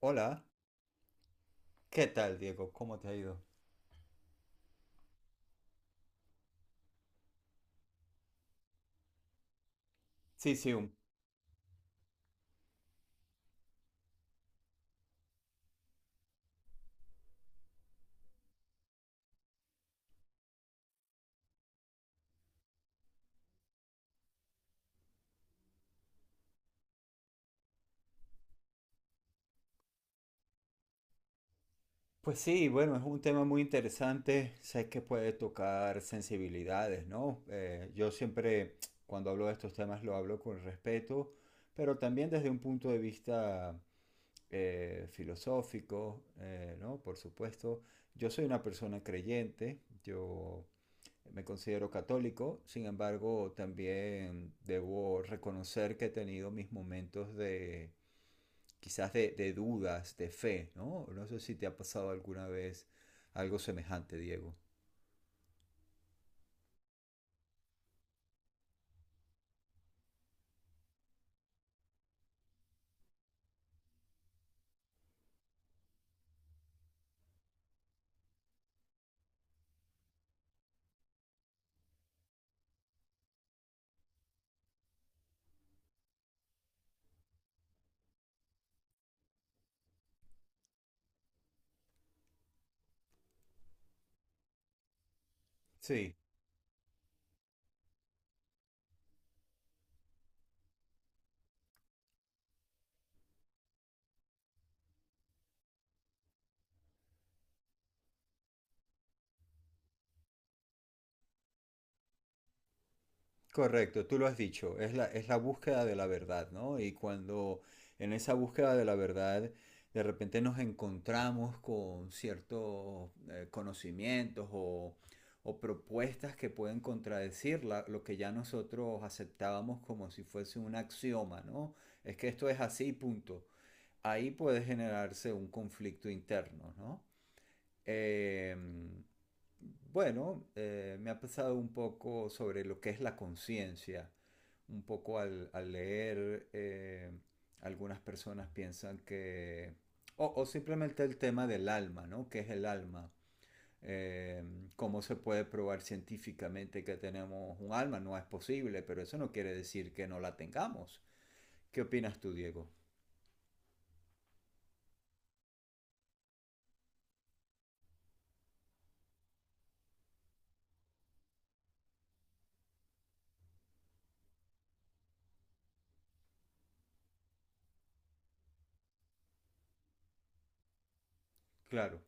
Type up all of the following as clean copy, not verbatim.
Hola, ¿qué tal, Diego? ¿Cómo te ha ido? Sí, sí, un- pues sí, bueno, es un tema muy interesante. Sé que puede tocar sensibilidades, ¿no? Yo siempre, cuando hablo de estos temas, lo hablo con respeto, pero también desde un punto de vista filosófico, ¿no? Por supuesto, yo soy una persona creyente, yo Me considero católico. Sin embargo, también debo reconocer que he tenido mis momentos de quizás de dudas, de fe, ¿no? No sé si te ha pasado alguna vez algo semejante, Diego. Sí. Correcto, tú lo has dicho, es la búsqueda de la verdad, ¿no? Y cuando en esa búsqueda de la verdad de repente nos encontramos con ciertos conocimientos o propuestas que pueden contradecir lo que ya nosotros aceptábamos como si fuese un axioma, ¿no? Es que esto es así, punto. Ahí puede generarse un conflicto interno, ¿no? Em, bueno, me ha pasado un poco sobre lo que es la conciencia. Un poco al leer, algunas personas piensan que... O, o simplemente el tema del alma, ¿no? ¿Qué es el alma? Eh, ¿Cómo se puede probar científicamente que tenemos un alma? No es posible, pero eso no quiere decir que no la tengamos. ¿Qué opinas tú, Diego? Claro,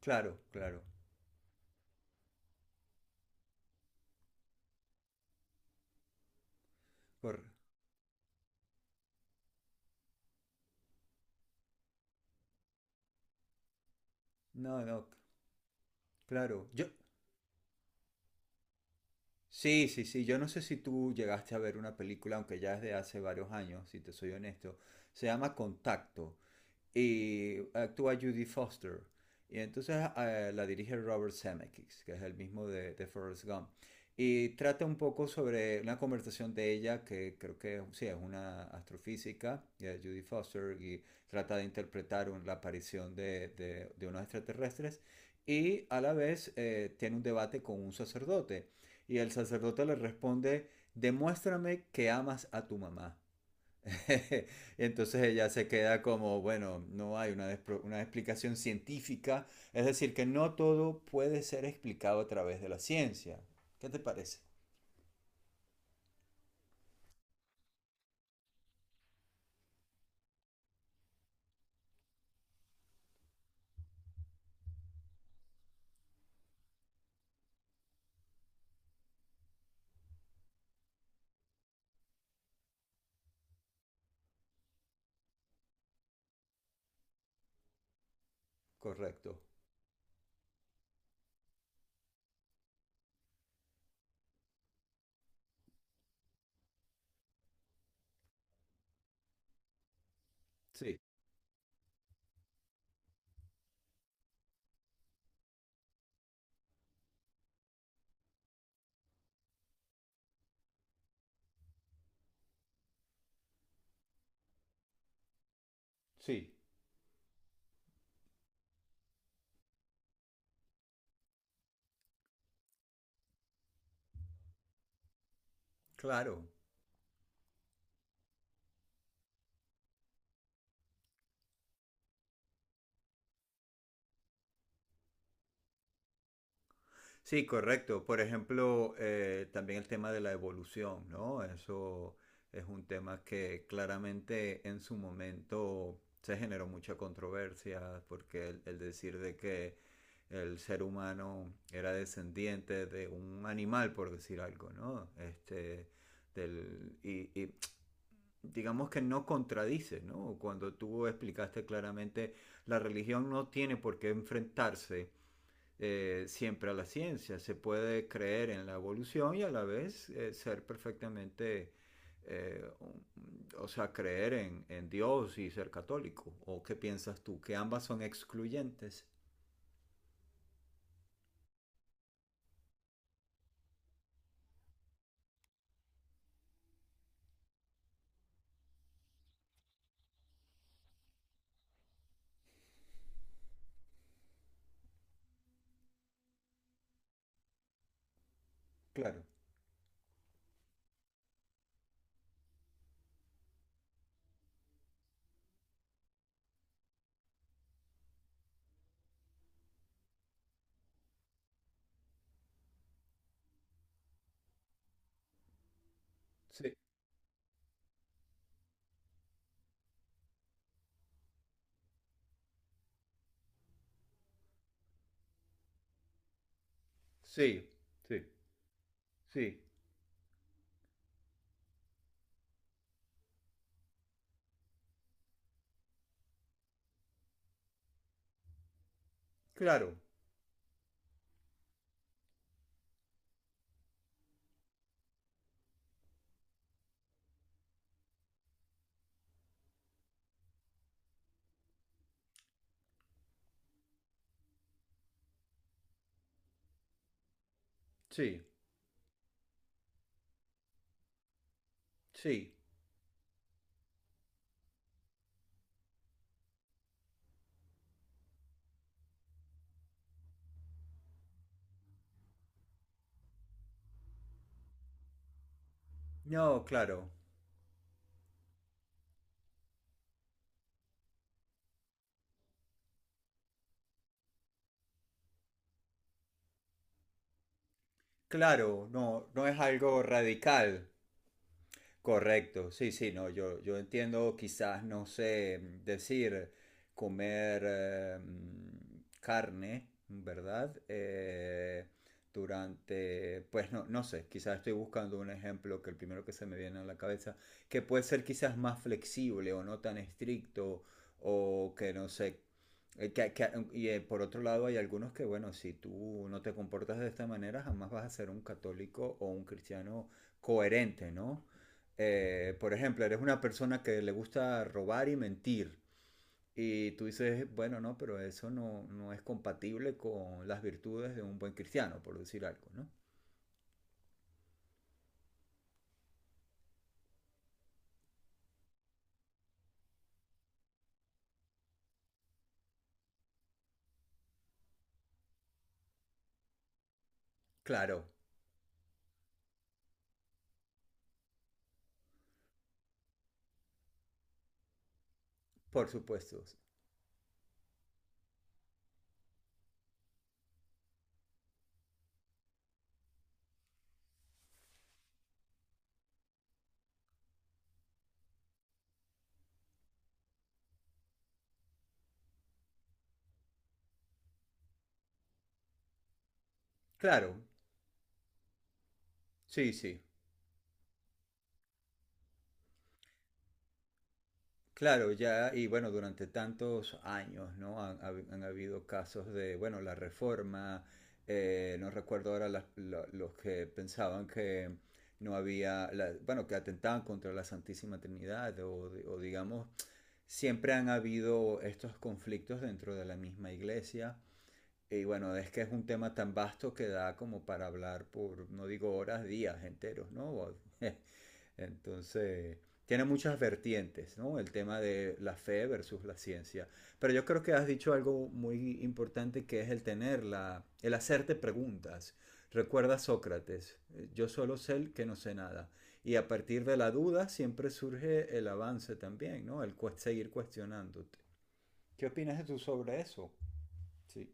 claro, claro. Corre. No, no, claro. Yo, sí, sí, sí. Yo no sé si tú llegaste a ver una película, aunque ya es de hace varios años, si te soy honesto. Se llama Contacto y actúa Judy Foster. Y entonces la dirige Robert Zemeckis, que es el mismo de de Forrest Gump. Y trata un poco sobre una conversación de ella, que creo que sí, es una astrofísica, ya, Judy Foster, y trata de interpretar la aparición de, de- unos extraterrestres. Y a la vez tiene un debate con un sacerdote. Y el sacerdote le responde, demuéstrame que amas a tu mamá. Entonces ella se queda como, bueno, no hay una, una explicación científica, es decir, que no todo puede ser explicado a través de la ciencia. ¿Qué te parece? Correcto. Sí. Sí, claro. Sí, correcto. Por ejemplo, también el tema de la evolución, ¿no? Eso es un tema que claramente en su momento se generó mucha controversia, porque el decir de que el ser humano era descendiente de un animal, por decir algo, ¿no? Este, y digamos que no contradice, ¿no? Cuando tú explicaste claramente, la religión no tiene por qué enfrentarse siempre a la ciencia. Se puede creer en la evolución y a la vez ser perfectamente, eh, o sea, creer en Dios y ser católico. ¿O qué piensas tú? ¿Que ambas son excluyentes? Claro, sí, sí, sí, sí, claro, sí, sí. No, claro, claro, no, no es algo radical. Correcto, sí, sí, no, yo entiendo, quizás, no sé, decir, comer carne, ¿verdad? Durante, pues no, no sé, quizás estoy buscando un ejemplo, que el primero que se me viene a la cabeza, que puede ser quizás más flexible o no tan estricto, o que no sé, por otro lado hay algunos que, bueno, si tú no te comportas de esta manera, jamás vas a ser un católico o un cristiano coherente, ¿no? Por ejemplo, eres una persona que le gusta robar y mentir. Y tú dices, bueno, no, pero eso no, no es compatible con las virtudes de un buen cristiano, por decir algo, ¿no? Claro, por supuesto. Claro, sí, sí. Claro, ya, y bueno, durante tantos años, ¿no? Han habido casos de, bueno, la reforma, no recuerdo ahora los que pensaban que no había, bueno, que atentaban contra la Santísima Trinidad o digamos, siempre han habido estos conflictos dentro de la misma iglesia. Y bueno, es que es un tema tan vasto que da como para hablar por, no digo horas, días enteros, ¿no? Entonces, tiene muchas vertientes, ¿no? El tema de la fe versus la ciencia. Pero yo creo que has dicho algo muy importante, que es el tener la, el hacerte preguntas. Recuerda Sócrates, yo solo sé el que no sé nada. Y a partir de la duda siempre surge el avance también, ¿no? Seguir cuestionándote. ¿Qué opinas tú sobre eso? Sí.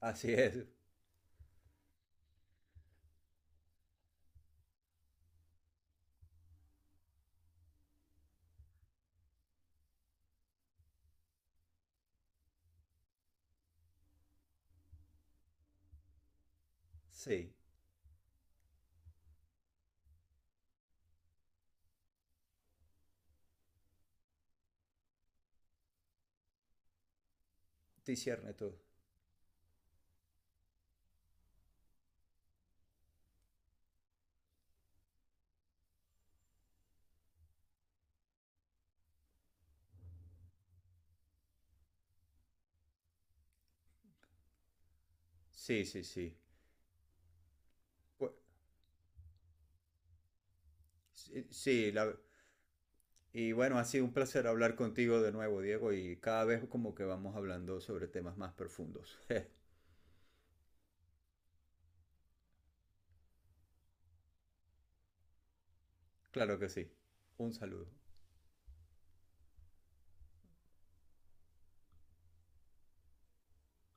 Así es. Sí. Te cierne todo. Sí, sí, sí. Pues, sí, sí, la, y bueno, ha sido un placer hablar contigo de nuevo, Diego, y cada vez como que vamos hablando sobre temas más profundos. Claro que sí. Un saludo.